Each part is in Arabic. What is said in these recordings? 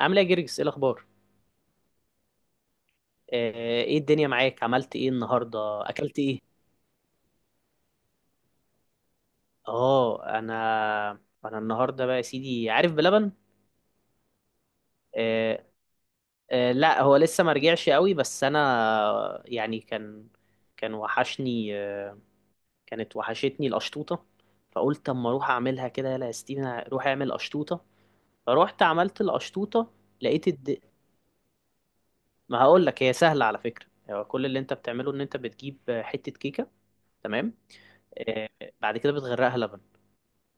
عامل ايه يا جرجس؟ ايه الاخبار؟ آه، ايه الدنيا معاك؟ عملت ايه النهارده؟ اكلت ايه؟ اه، انا النهارده بقى يا سيدي عارف بلبن. آه. آه، لا هو لسه ما رجعش قوي، بس انا يعني كان وحشني. كانت وحشتني القشطوطه. فقلت اما اروح اعملها كده، يلا يا ستيفن روح اعمل قشطوطه. فروحت عملت القشطوطه. لقيت الد... ما هقول لك، هي سهله على فكره. هو كل اللي انت بتعمله ان انت بتجيب حته كيكه، تمام. آه، بعد كده بتغرقها لبن.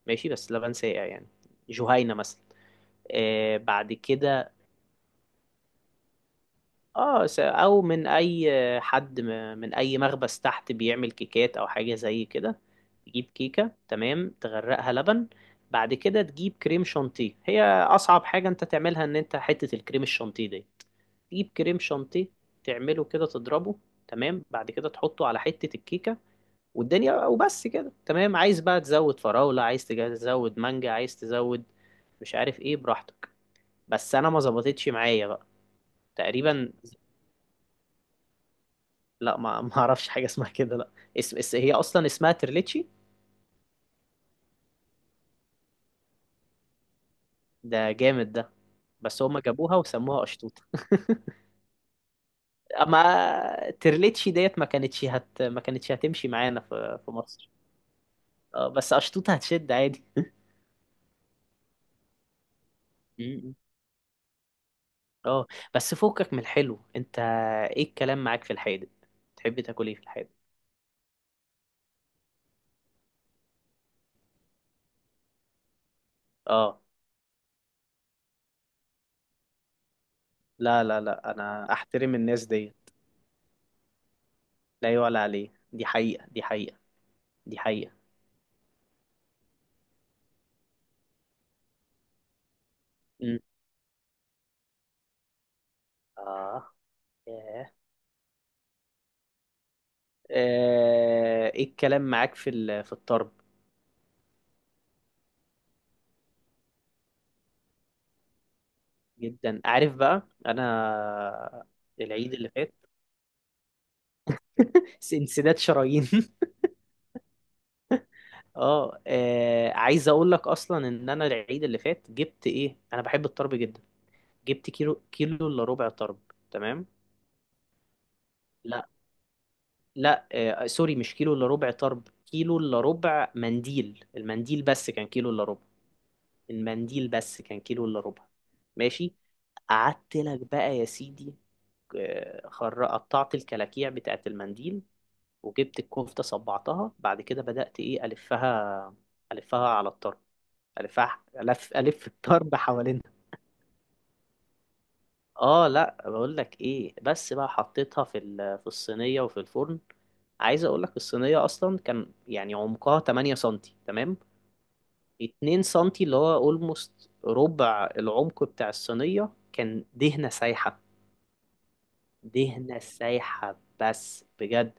ماشي، بس لبن ساقع يعني، جهينة مثلا. آه، بعد كده. اه، س- او من اي آه، حد من اي مخبز تحت بيعمل كيكات او حاجة زي كده. تجيب كيكة، تمام، تغرقها لبن. بعد كده تجيب كريم شانتيه. هي اصعب حاجة انت تعملها ان انت حتة الكريم الشانتيه دي، تجيب كريم شانتيه، تعمله كده، تضربه. تمام، بعد كده تحطه على حتة الكيكة. والدنيا وبس كده، تمام. عايز بقى تزود فراولة، عايز تزود مانجا، عايز تزود مش عارف ايه، براحتك. بس انا ما ظبطتش معايا بقى، تقريبا. لا، ما اعرفش حاجه اسمها كده، لا. هي اصلا اسمها ترليتشي. ده جامد ده. بس هما جابوها وسموها قشطوطه. اما ترليتشي ديت ما كانتش هتمشي معانا في مصر. اه، بس قشطوطه هتشد عادي. م-م. اه، بس فوقك من الحلو انت. ايه الكلام معاك في الحادق؟ تحب تاكل ايه في الحادق؟ اه، لا لا لا، انا احترم الناس دي. لا يعلى عليه، دي حقيقة، دي حقيقة، دي حقيقة. اه. ياه. آه، ايه الكلام معاك في الطرب؟ جدا عارف بقى انا، العيد اللي فات. انسداد شرايين. اه. عايز اقول لك اصلا ان انا العيد اللي فات جبت ايه، انا بحب الطرب جدا. جبت كيلو الا ربع طرب، تمام. لا لا، سوري، مش كيلو الا ربع طرب، كيلو الا ربع منديل. المنديل بس كان كيلو الا ربع. المنديل بس كان كيلو الا ربع. ماشي، قعدت لك بقى يا سيدي. قطعت الكلاكيع بتاعت المنديل. وجبت الكفتة، صبعتها، بعد كده بدأت إيه ألفها. ألفها على الطرب، ألفها، ألف ألف الطرب حوالينها. آه لأ، بقول لك إيه، بس بقى حطيتها في الصينية وفي الفرن. عايز أقول لك الصينية أصلا كان يعني عمقها 8 سنتي، تمام. 2 سنتي اللي هو أولموست ربع العمق بتاع الصينية كان دهنة سايحة. دهنة سايحة بس بجد.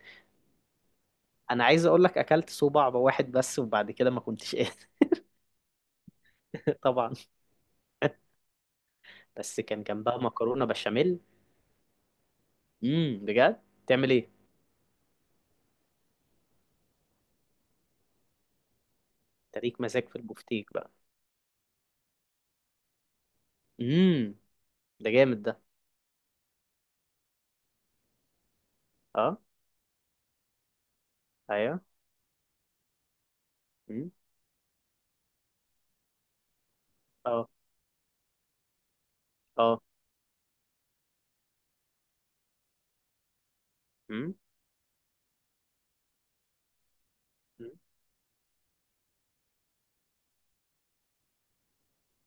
انا عايز اقول لك اكلت صوبع واحد بس، وبعد كده ما كنتش قادر. طبعا. بس كان جنبها مكرونه بشاميل. بجد؟ تعمل ايه؟ تريك مزاج في البفتيك بقى. امم ده جامد ده. اه. ايوه. امم. اه. اه. امم. أمم.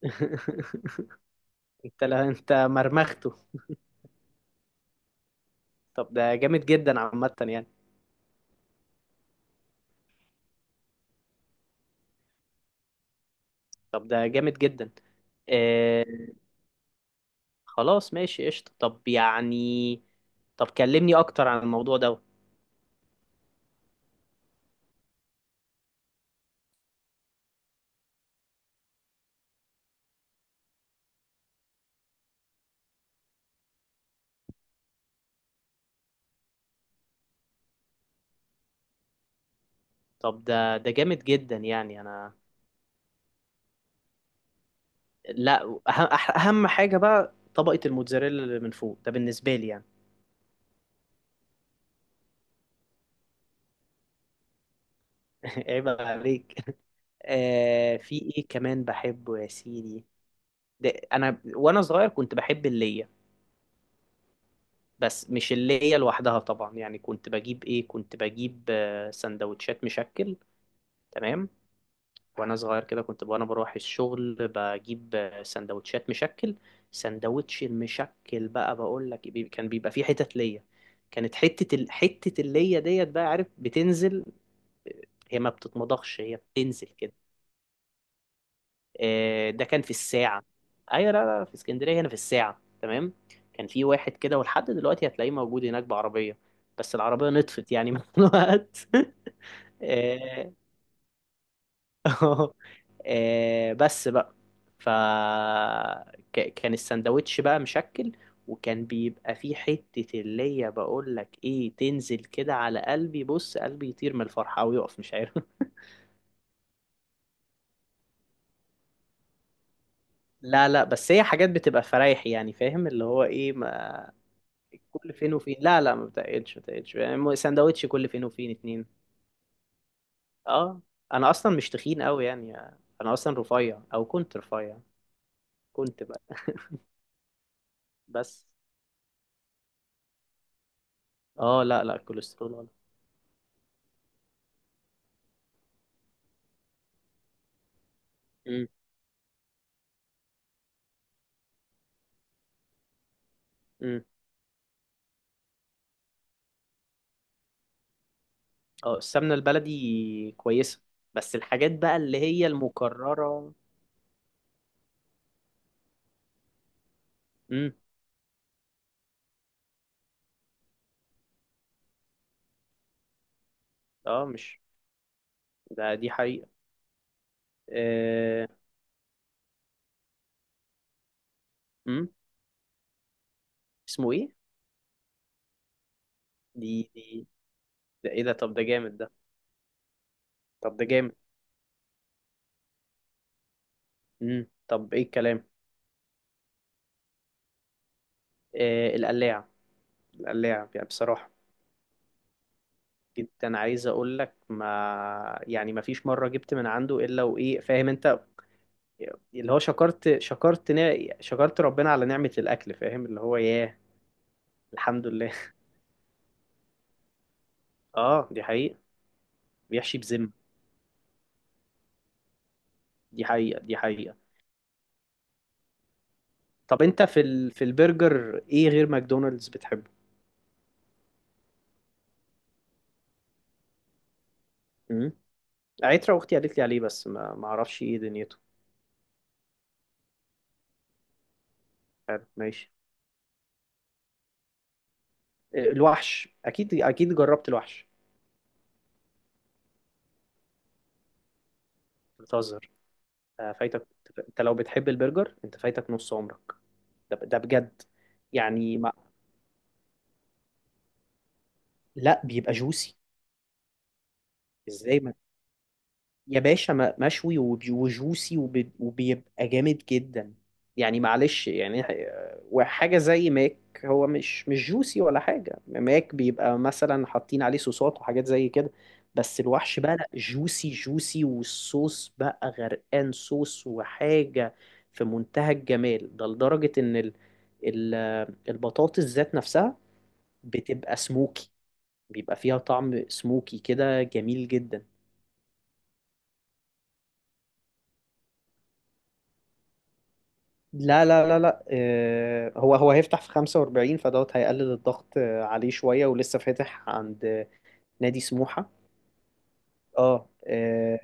انت، لا انت مرمخته. طب ده جامد جدا عامه يعني. طب ده جامد جدا. آه خلاص ماشي قشطه، طب يعني. طب كلمني اكتر عن الموضوع ده. طب ده جامد جدا يعني انا. لا. أهم أهم حاجة بقى طبقة الموتزاريلا اللي من فوق ده بالنسبة لي يعني. عيب عليك. آه، في إيه كمان بحبه يا سيدي؟ ده أنا وأنا صغير كنت بحب اللية. بس مش اللية لوحدها طبعا، يعني كنت بجيب سندوتشات مشكل. تمام. وأنا صغير كده كنت، وأنا بروح الشغل، بجيب سندوتشات مشكل. سندوتش المشكل بقى بقول لك، كان بيبقى فيه حتت ليا. كانت حتة اللية ديت بقى، عارف، بتنزل. هي ما بتتمضغش، هي بتنزل كده. آه، ده كان في الساعة. أيوة، لا لا، في اسكندرية هنا في الساعة، تمام. كان في واحد كده ولحد دلوقتي هتلاقيه موجود هناك بعربية. بس العربية نطفت يعني من الوقت. آه. بس بقى. ف كان السندوتش بقى مشكل. وكان بيبقى فيه حتة اللي هي، بقول لك ايه، تنزل كده على قلبي. بص، قلبي يطير من الفرحة ويقف، مش عارف. لا لا، بس هي حاجات بتبقى فرايح يعني، فاهم اللي هو ايه، ما كل فين وفين. لا لا، ما بتقلش ما بتقلش يعني، سندوتش كل فين وفين اتنين. اه، انا اصلا مش تخين قوي يعني. انا اصلا رفيع، او كنت رفيع. كنت بقى، بس. اه، لا لا، الكوليسترول ولا. امم. امم. اه، السمنة البلدي كويسة. بس الحاجات بقى اللي هي المكررة. امم. اه، مش ده دي حقيقة. آه. امم اسمه ايه؟ دي. ده ايه ده؟ طب ده جامد ده. طب ده جامد. مم. طب ايه الكلام. آه، القلاع. القلاع يعني بصراحة، جدا. عايز اقول لك ما يعني، ما فيش مرة جبت من عنده الا وايه، فاهم انت، اللي هو شكرت، شكرت ربنا على نعمة الاكل، فاهم اللي هو. ياه. الحمد لله. اه، دي حقيقة. بيحشي بذمة، دي حقيقة، دي حقيقة. طب انت في البرجر ايه غير ماكدونالدز بتحبه؟ امم عترة. اختي قالت لي عليه بس ما اعرفش ايه دنيته. حلو، ماشي. آه، الوحش، اكيد اكيد جربت الوحش. بتهزر؟ آه، فايتك. انت لو بتحب البرجر انت فايتك نص عمرك. ده بجد. يعني ما... لا بيبقى جوسي. ازاي يا باشا، مشوي، وجوسي، وبيبقى جامد جدا. يعني معلش يعني وحاجة زي ماك، هو مش جوسي ولا حاجة. ماك بيبقى مثلا حاطين عليه صوصات وحاجات زي كده. بس الوحش بقى لا، جوسي جوسي، والصوص بقى غرقان صوص وحاجة. في منتهى الجمال، ده لدرجة إن البطاطس ذات نفسها بتبقى سموكي. بيبقى فيها طعم سموكي كده، جميل جدا. لا لا لا لا، هو هيفتح في 45 فدوت، هيقلل الضغط عليه شوية. ولسه فاتح عند نادي سموحة. اه.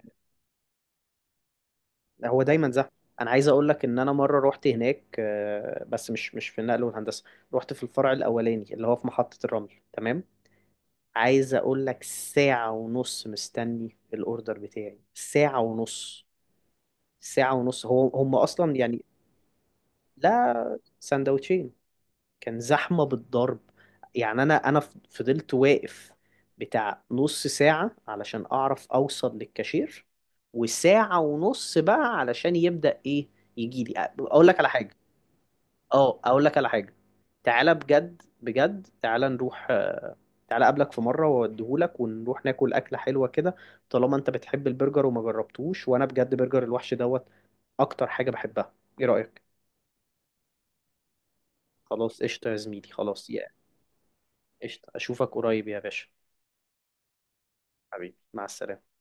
هو دايما زحمة. انا عايز اقول لك ان انا مرة روحت هناك، بس مش في النقل والهندسة. روحت في الفرع الاولاني اللي هو في محطة الرمل، تمام. عايز اقول لك ساعة ونص مستني الاوردر بتاعي، ساعة ونص. ساعة ونص. هم اصلا يعني. لا، سندوتشين. كان زحمة بالضرب. يعني أنا فضلت واقف بتاع نص ساعة علشان أعرف أوصل للكاشير. وساعة ونص بقى علشان يبدأ إيه، يجي لي. أقول لك على حاجة. أه، أقول لك على حاجة. تعالى بجد، بجد تعالى نروح. تعالى أقابلك في مرة وأوديهولك ونروح ناكل أكلة حلوة كده. طالما أنت بتحب البرجر وما جربتوش، وأنا بجد برجر الوحش دوت أكتر حاجة بحبها. إيه رأيك؟ خلاص، قشطة يا زميلي، خلاص يا. قشطة، أشوفك قريب يا باشا. حبيبي، مع السلامة.